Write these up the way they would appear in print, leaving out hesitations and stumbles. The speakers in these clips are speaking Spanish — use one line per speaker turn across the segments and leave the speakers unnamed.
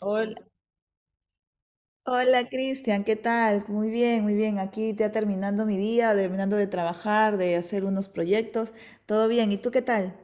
Hola, hola Cristian, ¿qué tal? Muy bien, muy bien. Aquí ya terminando mi día, terminando de trabajar, de hacer unos proyectos. Todo bien, ¿y tú qué tal?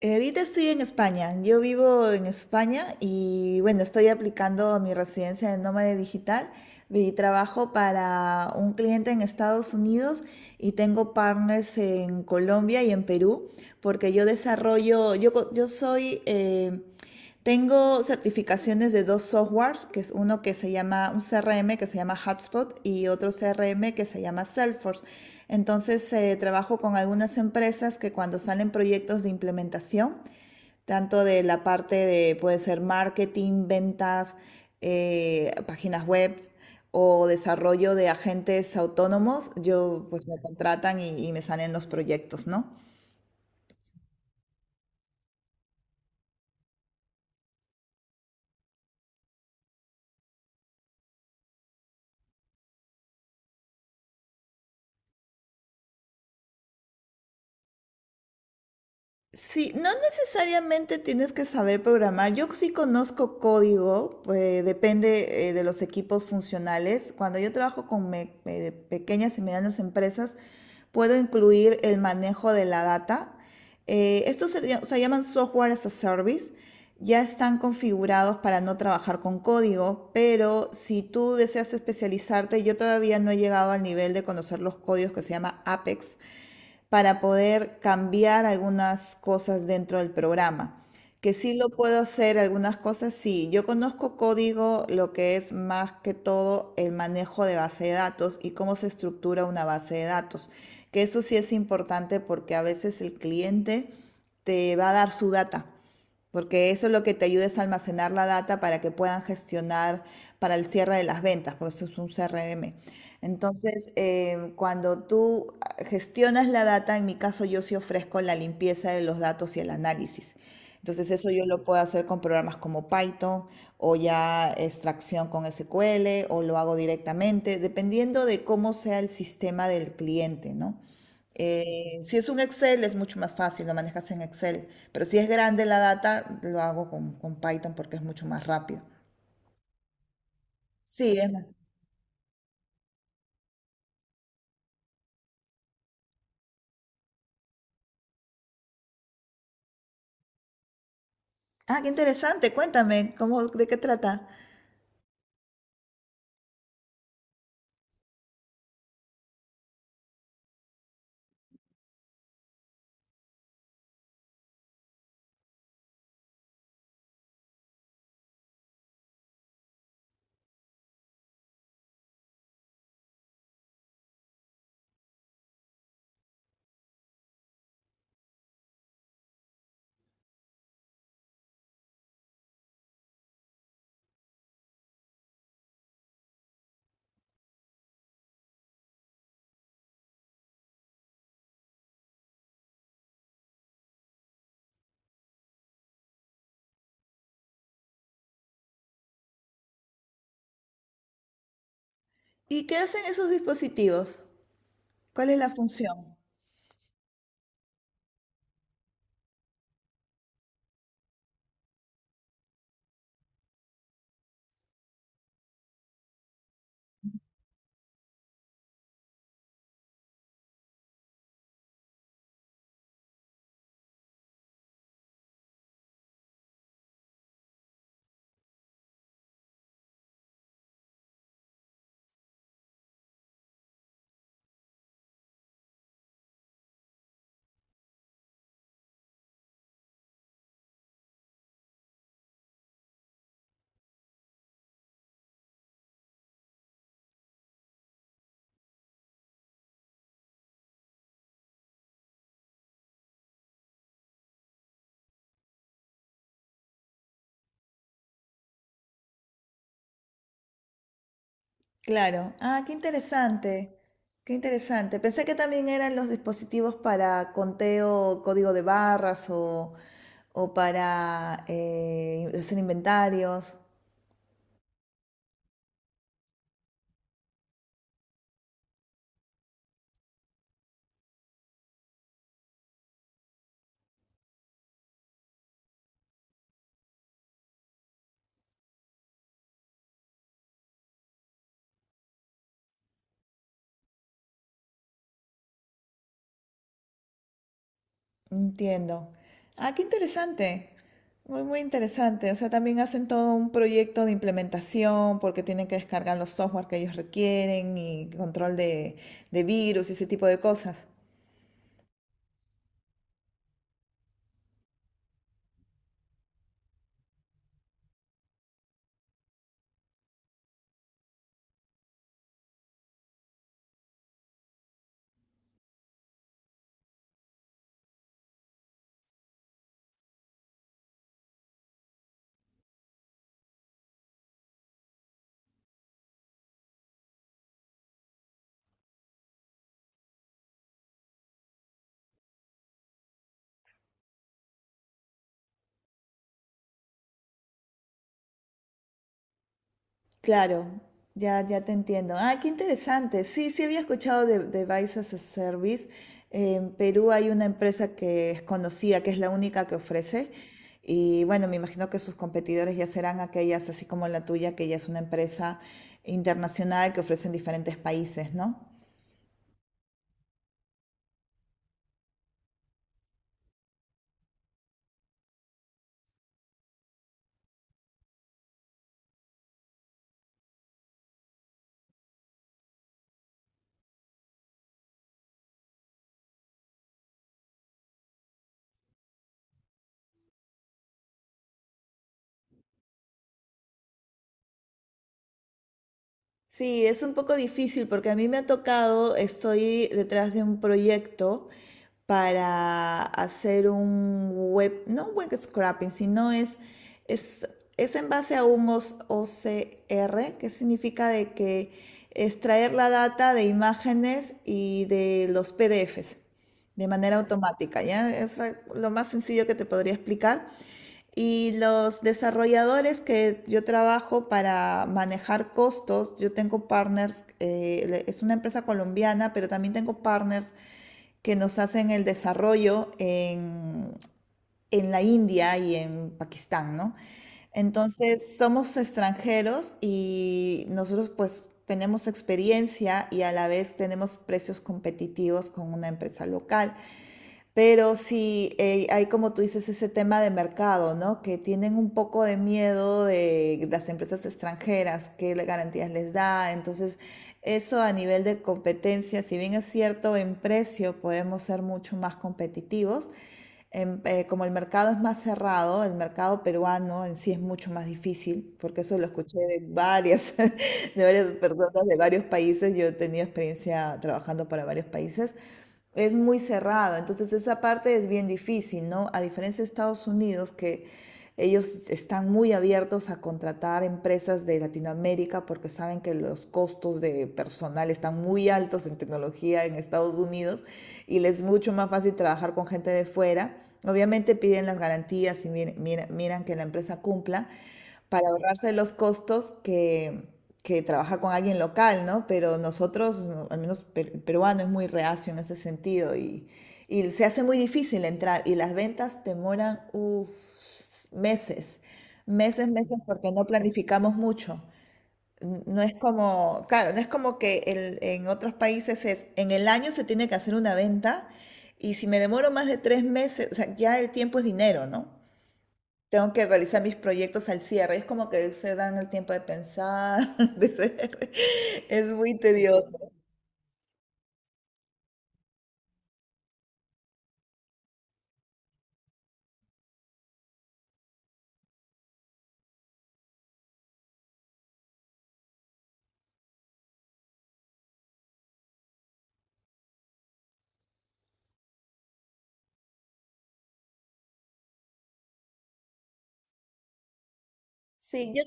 Ahorita estoy en España. Yo vivo en España y bueno, estoy aplicando mi residencia de nómada digital y trabajo para un cliente en Estados Unidos y tengo partners en Colombia y en Perú porque yo desarrollo, yo, yo soy... tengo certificaciones de dos softwares, que es uno que se llama, un CRM que se llama Hubspot y otro CRM que se llama Salesforce. Entonces, trabajo con algunas empresas que cuando salen proyectos de implementación, tanto de la parte de, puede ser marketing, ventas, páginas web o desarrollo de agentes autónomos, yo pues me contratan y me salen los proyectos, ¿no? Sí, no necesariamente tienes que saber programar. Yo sí conozco código, pues, depende de los equipos funcionales. Cuando yo trabajo con pequeñas y medianas empresas, puedo incluir el manejo de la data. Estos se, se llaman software as a service. Ya están configurados para no trabajar con código, pero si tú deseas especializarte, yo todavía no he llegado al nivel de conocer los códigos que se llama Apex para poder cambiar algunas cosas dentro del programa. Que sí lo puedo hacer algunas cosas, sí. Yo conozco código, lo que es más que todo el manejo de base de datos y cómo se estructura una base de datos. Que eso sí es importante porque a veces el cliente te va a dar su data porque eso es lo que te ayuda a almacenar la data para que puedan gestionar para el cierre de las ventas, por eso es un CRM. Entonces, cuando tú gestionas la data, en mi caso yo sí ofrezco la limpieza de los datos y el análisis. Entonces, eso yo lo puedo hacer con programas como Python o ya extracción con SQL o lo hago directamente, dependiendo de cómo sea el sistema del cliente, ¿no? Si es un Excel es mucho más fácil, lo manejas en Excel, pero si es grande la data, lo hago con Python porque es mucho más rápido. Sí, es más. Ah, qué interesante, cuéntame, ¿cómo, de qué trata? ¿Y qué hacen esos dispositivos? ¿Cuál es la función? Claro, ah, qué interesante, qué interesante. Pensé que también eran los dispositivos para conteo, código de barras o para hacer inventarios. Entiendo. Ah, qué interesante. Muy, muy interesante. O sea, también hacen todo un proyecto de implementación porque tienen que descargar los software que ellos requieren y control de virus y ese tipo de cosas. Claro, ya, ya te entiendo. Ah, qué interesante. Sí, sí había escuchado de as a Service. En Perú hay una empresa que es conocida, que es la única que ofrece. Y bueno, me imagino que sus competidores ya serán aquellas, así como la tuya, que ya es una empresa internacional que ofrece en diferentes países, ¿no? Sí, es un poco difícil porque a mí me ha tocado, estoy detrás de un proyecto para hacer un web, no un web scrapping, sino es, es en base a un OS OCR, que significa de que extraer la data de imágenes y de los PDFs de manera automática, ¿ya? Es lo más sencillo que te podría explicar. Y los desarrolladores que yo trabajo para manejar costos, yo tengo partners, es una empresa colombiana, pero también tengo partners que nos hacen el desarrollo en la India y en Pakistán, ¿no? Entonces, somos extranjeros y nosotros pues tenemos experiencia y a la vez tenemos precios competitivos con una empresa local. Pero sí, hay como tú dices ese tema de mercado, ¿no? Que tienen un poco de miedo de las empresas extranjeras, qué garantías les da. Entonces, eso a nivel de competencia, si bien es cierto, en precio podemos ser mucho más competitivos. En- como el mercado es más cerrado, el mercado peruano en sí es mucho más difícil, porque eso lo escuché de varias, de varias personas de varios países. Yo he tenido experiencia trabajando para varios países, es muy cerrado, entonces esa parte es bien difícil, ¿no? A diferencia de Estados Unidos, que ellos están muy abiertos a contratar empresas de Latinoamérica porque saben que los costos de personal están muy altos en tecnología en Estados Unidos y les es mucho más fácil trabajar con gente de fuera. Obviamente piden las garantías y miran, miran, que la empresa cumpla, para ahorrarse los costos que trabajar con alguien local, ¿no? Pero nosotros, no, al menos el peruano, es muy reacio en ese sentido y se hace muy difícil entrar y las ventas demoran uf, meses, meses, meses porque no planificamos mucho. No es como, claro, no es como que en otros países es, en el año se tiene que hacer una venta y si me demoro más de tres meses, o sea, ya el tiempo es dinero, ¿no? Tengo que realizar mis proyectos al cierre. Es como que se dan el tiempo de pensar, de ver. Es muy tedioso. Sí, yo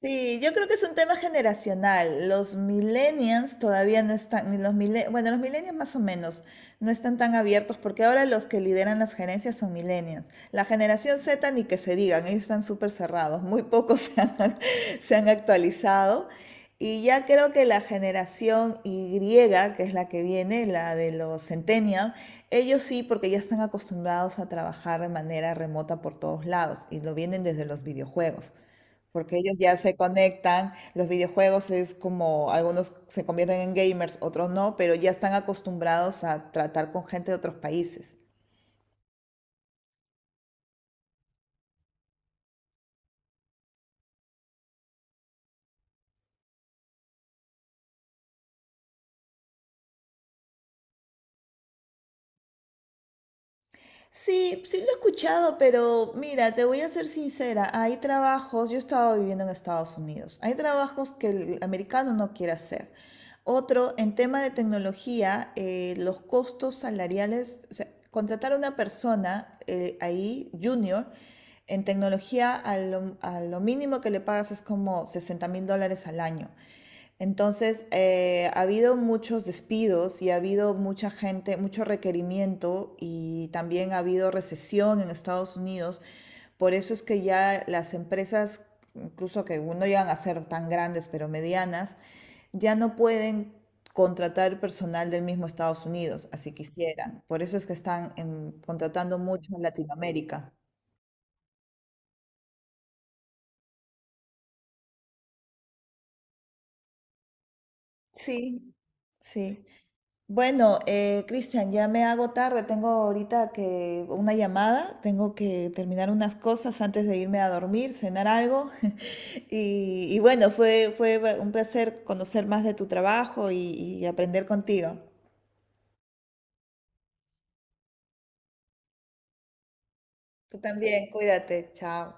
Sí, yo creo que es un tema generacional. Los millennials todavía no están, ni los bueno, los millennials más o menos no están tan abiertos porque ahora los que lideran las gerencias son millennials. La generación Z ni que se digan, ellos están súper cerrados, muy pocos se han actualizado. Y ya creo que la generación Y, que es la que viene, la de los centennials, ellos sí, porque ya están acostumbrados a trabajar de manera remota por todos lados y lo vienen desde los videojuegos porque ellos ya se conectan, los videojuegos es como algunos se convierten en gamers, otros no, pero ya están acostumbrados a tratar con gente de otros países. Sí, sí lo he escuchado, pero mira, te voy a ser sincera, hay trabajos, yo estaba viviendo en Estados Unidos, hay trabajos que el americano no quiere hacer. Otro, en tema de tecnología, los costos salariales, o sea, contratar a una persona ahí, junior, en tecnología, a lo mínimo que le pagas es como $60,000 al año. Entonces, ha habido muchos despidos y ha habido mucha gente, mucho requerimiento y también ha habido recesión en Estados Unidos. Por eso es que ya las empresas, incluso que no llegan a ser tan grandes, pero medianas, ya no pueden contratar personal del mismo Estados Unidos, así quisieran. Por eso es que están contratando mucho en Latinoamérica. Sí, sí. Bueno, Cristian, ya me hago tarde, tengo ahorita que una llamada, tengo que terminar unas cosas antes de irme a dormir, cenar algo. Y, y bueno, fue, un placer conocer más de tu trabajo y aprender contigo. Tú también, cuídate, chao.